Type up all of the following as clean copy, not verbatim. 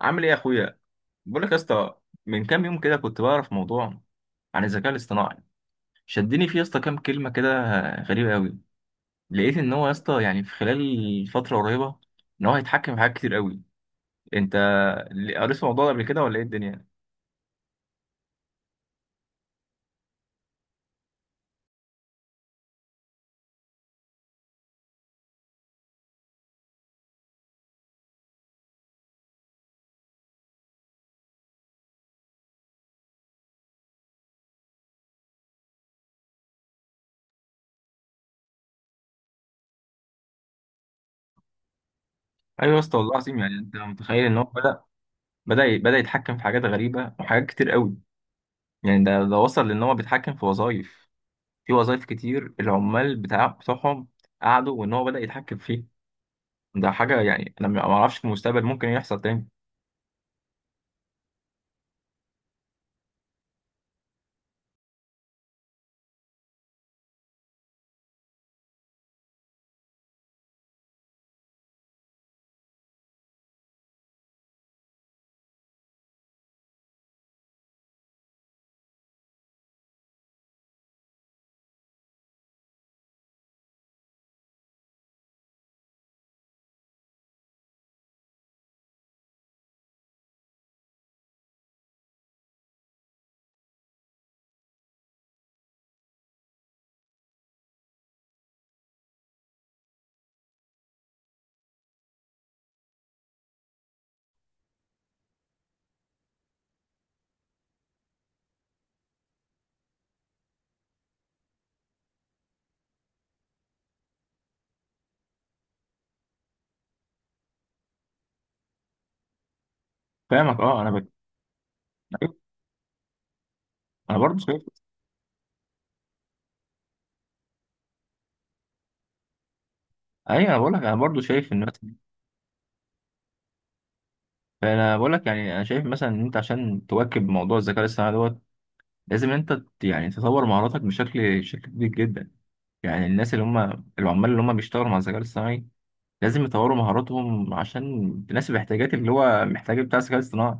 عامل ايه يا اخويا؟ بقول لك يا اسطى، من كام يوم كده كنت بعرف موضوع عن الذكاء الاصطناعي، شدني فيه يا اسطى كام كلمه كده غريبه قوي. لقيت ان هو يا اسطى يعني في خلال فتره قريبه ان هو هيتحكم في حاجات كتير قوي. انت قريت في الموضوع ده قبل كده ولا ايه الدنيا؟ ايوه يا اسطى، والله العظيم يعني انت متخيل ان هو بدا يتحكم في حاجات غريبه وحاجات كتير قوي. يعني ده وصل لان هو بيتحكم في وظائف كتير العمال بتوعهم قعدوا وان هو بدا يتحكم فيه. ده حاجه، يعني انا ما اعرفش في المستقبل ممكن إيه يحصل تاني. فاهمك، اه، انا. أيوة، انا برضو شايف. ايوه، انا بقول لك انا برضو شايف ان مثلا، انا بقول لك يعني انا شايف مثلا ان انت عشان تواكب موضوع الذكاء الاصطناعي دوت لازم انت يعني تطور مهاراتك بشكل كبير جدا. يعني الناس اللي هم العمال اللي هم بيشتغلوا مع الذكاء الاصطناعي لازم يطوروا مهاراتهم عشان تناسب احتياجات اللي هو محتاجه بتاع الذكاء الاصطناعي،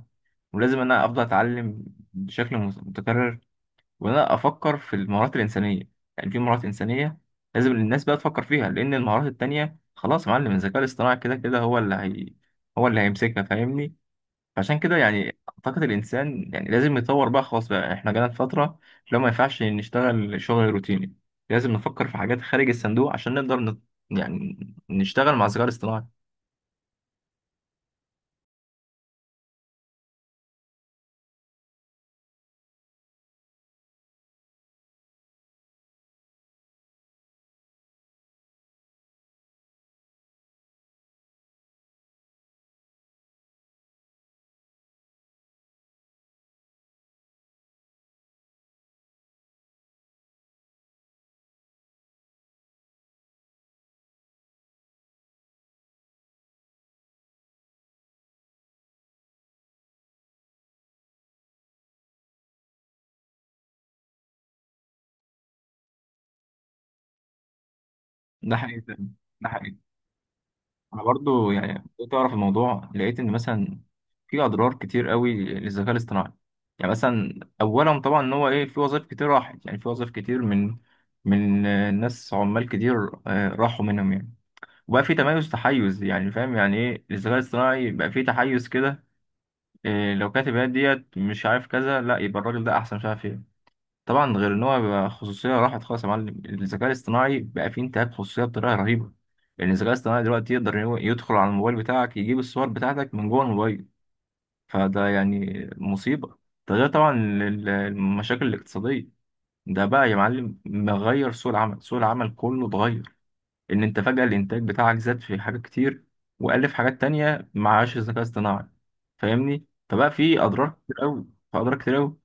ولازم انا افضل اتعلم بشكل متكرر، وان انا افكر في المهارات الانسانيه. يعني في مهارات انسانيه لازم الناس بقى تفكر فيها، لان المهارات التانية خلاص يا معلم، الذكاء الاصطناعي كده كده هو اللي هيمسكها. فاهمني؟ فعشان كده يعني اعتقد الانسان يعني لازم يطور بقى، خلاص بقى احنا جانا في فتره، لو ما ينفعش نشتغل شغل روتيني لازم نفكر في حاجات خارج الصندوق عشان نقدر يعني نشتغل مع الذكاء الاصطناعي. ده حقيقي. ده حقيقي. انا برضو يعني كنت اعرف الموضوع، لقيت ان مثلا في اضرار كتير قوي للذكاء الاصطناعي. يعني مثلا اولا طبعا ان هو ايه، في وظائف كتير راحت، يعني في وظائف كتير من ناس عمال كتير، راحوا منهم يعني. وبقى في تحيز، يعني فاهم يعني ايه؟ الذكاء الاصطناعي بقى في تحيز كده، إيه لو كاتب هي ديت مش عارف كذا لا يبقى الراجل ده احسن مش عارف ايه. طبعا غير ان هو بقى خصوصيه راحت خالص يا معلم، الذكاء الاصطناعي بقى فيه انتهاك خصوصيه بطريقه رهيبه، لان الذكاء الاصطناعي دلوقتي يقدر إن هو يدخل على الموبايل بتاعك، يجيب الصور بتاعتك من جوه الموبايل. فده يعني مصيبه. ده غير طبعا المشاكل الاقتصاديه. ده بقى يا معلم مغير سوق العمل، سوق العمل كله اتغير، ان انت فجاه الانتاج بتاعك زاد في حاجات كتير وقل في حاجات تانية معاش الذكاء الاصطناعي. فاهمني؟ فبقى فيه اضرار كتير قوي، فاضرار كتير قوي.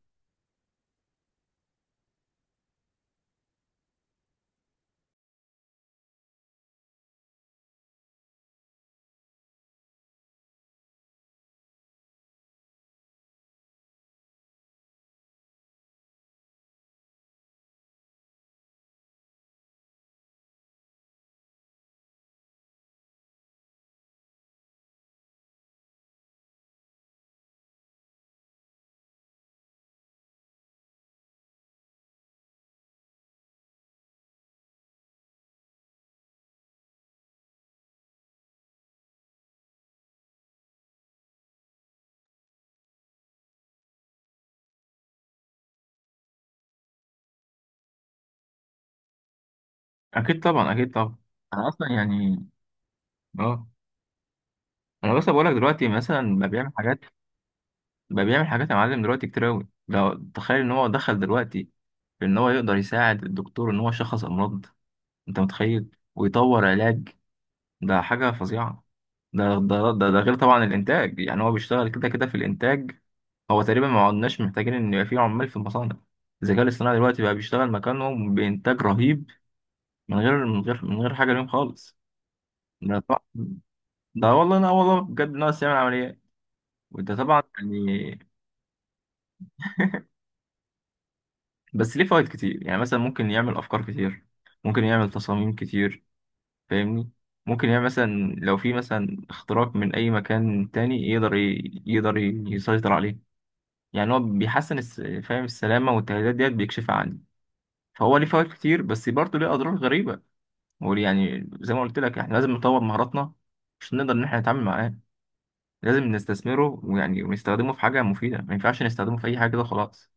اكيد طبعا، اكيد طبعا. انا اصلا يعني، اه، انا بس بقول لك دلوقتي مثلا بقى بيعمل حاجات يا معلم دلوقتي كتير قوي. لو تخيل ان هو دخل دلوقتي في ان هو يقدر يساعد الدكتور ان هو يشخص امراض، انت متخيل؟ ويطور علاج. ده حاجه فظيعه. ده غير طبعا الانتاج، يعني هو بيشتغل كده كده في الانتاج. هو تقريبا ما عدناش محتاجين ان يبقى في عمال في المصانع. الذكاء الاصطناعي دلوقتي بقى بيشتغل مكانهم بانتاج رهيب من غير حاجه ليهم خالص. ده طبعا. ده والله، لا والله بجد، ناس يعمل عمليات. وده طبعا يعني. بس ليه فوائد كتير، يعني مثلا ممكن يعمل افكار كتير، ممكن يعمل تصاميم كتير. فاهمني؟ ممكن يعمل مثلا لو في مثلا اختراق من اي مكان تاني يقدر يسيطر عليه. يعني هو بيحسن فاهم؟ السلامة والتهديدات ديت بيكشفها عنه. فهو ليه فوائد كتير بس برضه ليه اضرار غريبة. هو يعني زي ما قلت لك احنا لازم نطور مهاراتنا عشان نقدر ان احنا نتعامل معاه، لازم نستثمره، ويعني ونستخدمه في حاجة مفيدة، ما ينفعش نستخدمه في اي حاجة كده خلاص.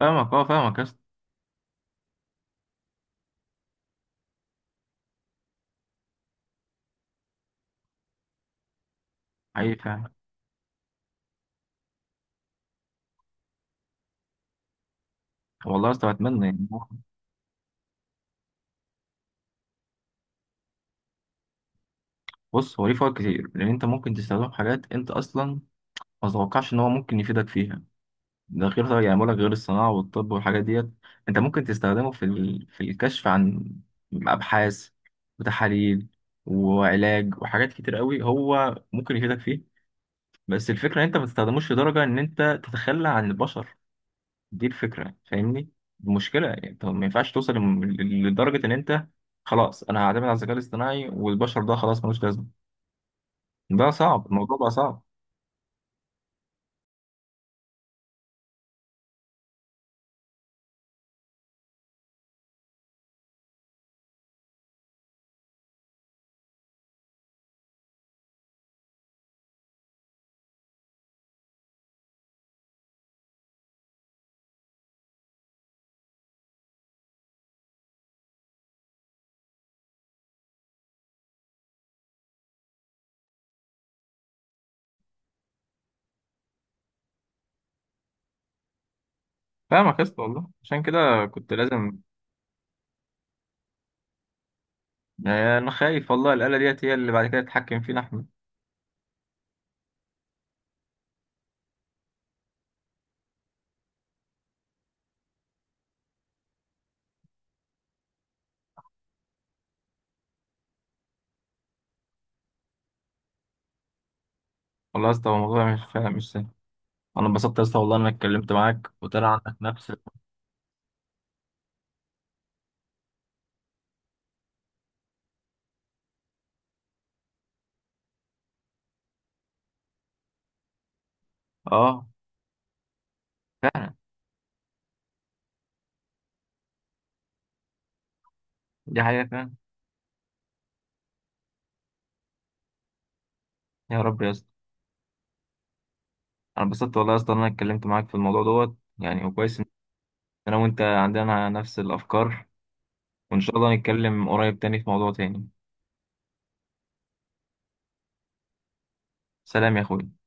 فاهمك يا اسطى. حقيقي فاهم. والله يا اسطى اتمنى، يعني بص هو ليه فوائد كتير لان انت ممكن تستخدمه في حاجات انت اصلا ما تتوقعش ان هو ممكن يفيدك فيها. ده غير طبعا يعني بقولك غير الصناعه والطب والحاجات ديت، انت ممكن تستخدمه في الكشف عن ابحاث وتحاليل وعلاج وحاجات كتير قوي هو ممكن يفيدك فيه. بس الفكره ان انت ما تستخدموش لدرجه ان انت تتخلى عن البشر، دي الفكره. فاهمني؟ المشكله يعني انت ما ينفعش توصل لدرجه ان انت خلاص انا هعتمد على الذكاء الاصطناعي والبشر ده خلاص ملوش لازمه. ده صعب، الموضوع بقى صعب. فاهمك يا اسطى والله، عشان كده كنت لازم. يعني انا خايف والله الآلة ديت هي اللي بعد كده تتحكم فينا احنا. والله يا اسطى، هو الموضوع مش، فعلا مش سهل. انا انبسطت يا اسطى والله إن انا اتكلمت معاك وطلع عندك نفس. اه، فعلا، دي حقيقة فعلا. يا رب يا اسطى. انا انبسطت والله يا اسطى ان انا اتكلمت معاك في الموضوع دوت يعني، وكويس ان انا وانت عندنا نفس الافكار، وان شاء الله نتكلم قريب تاني في موضوع تاني. سلام يا اخوي.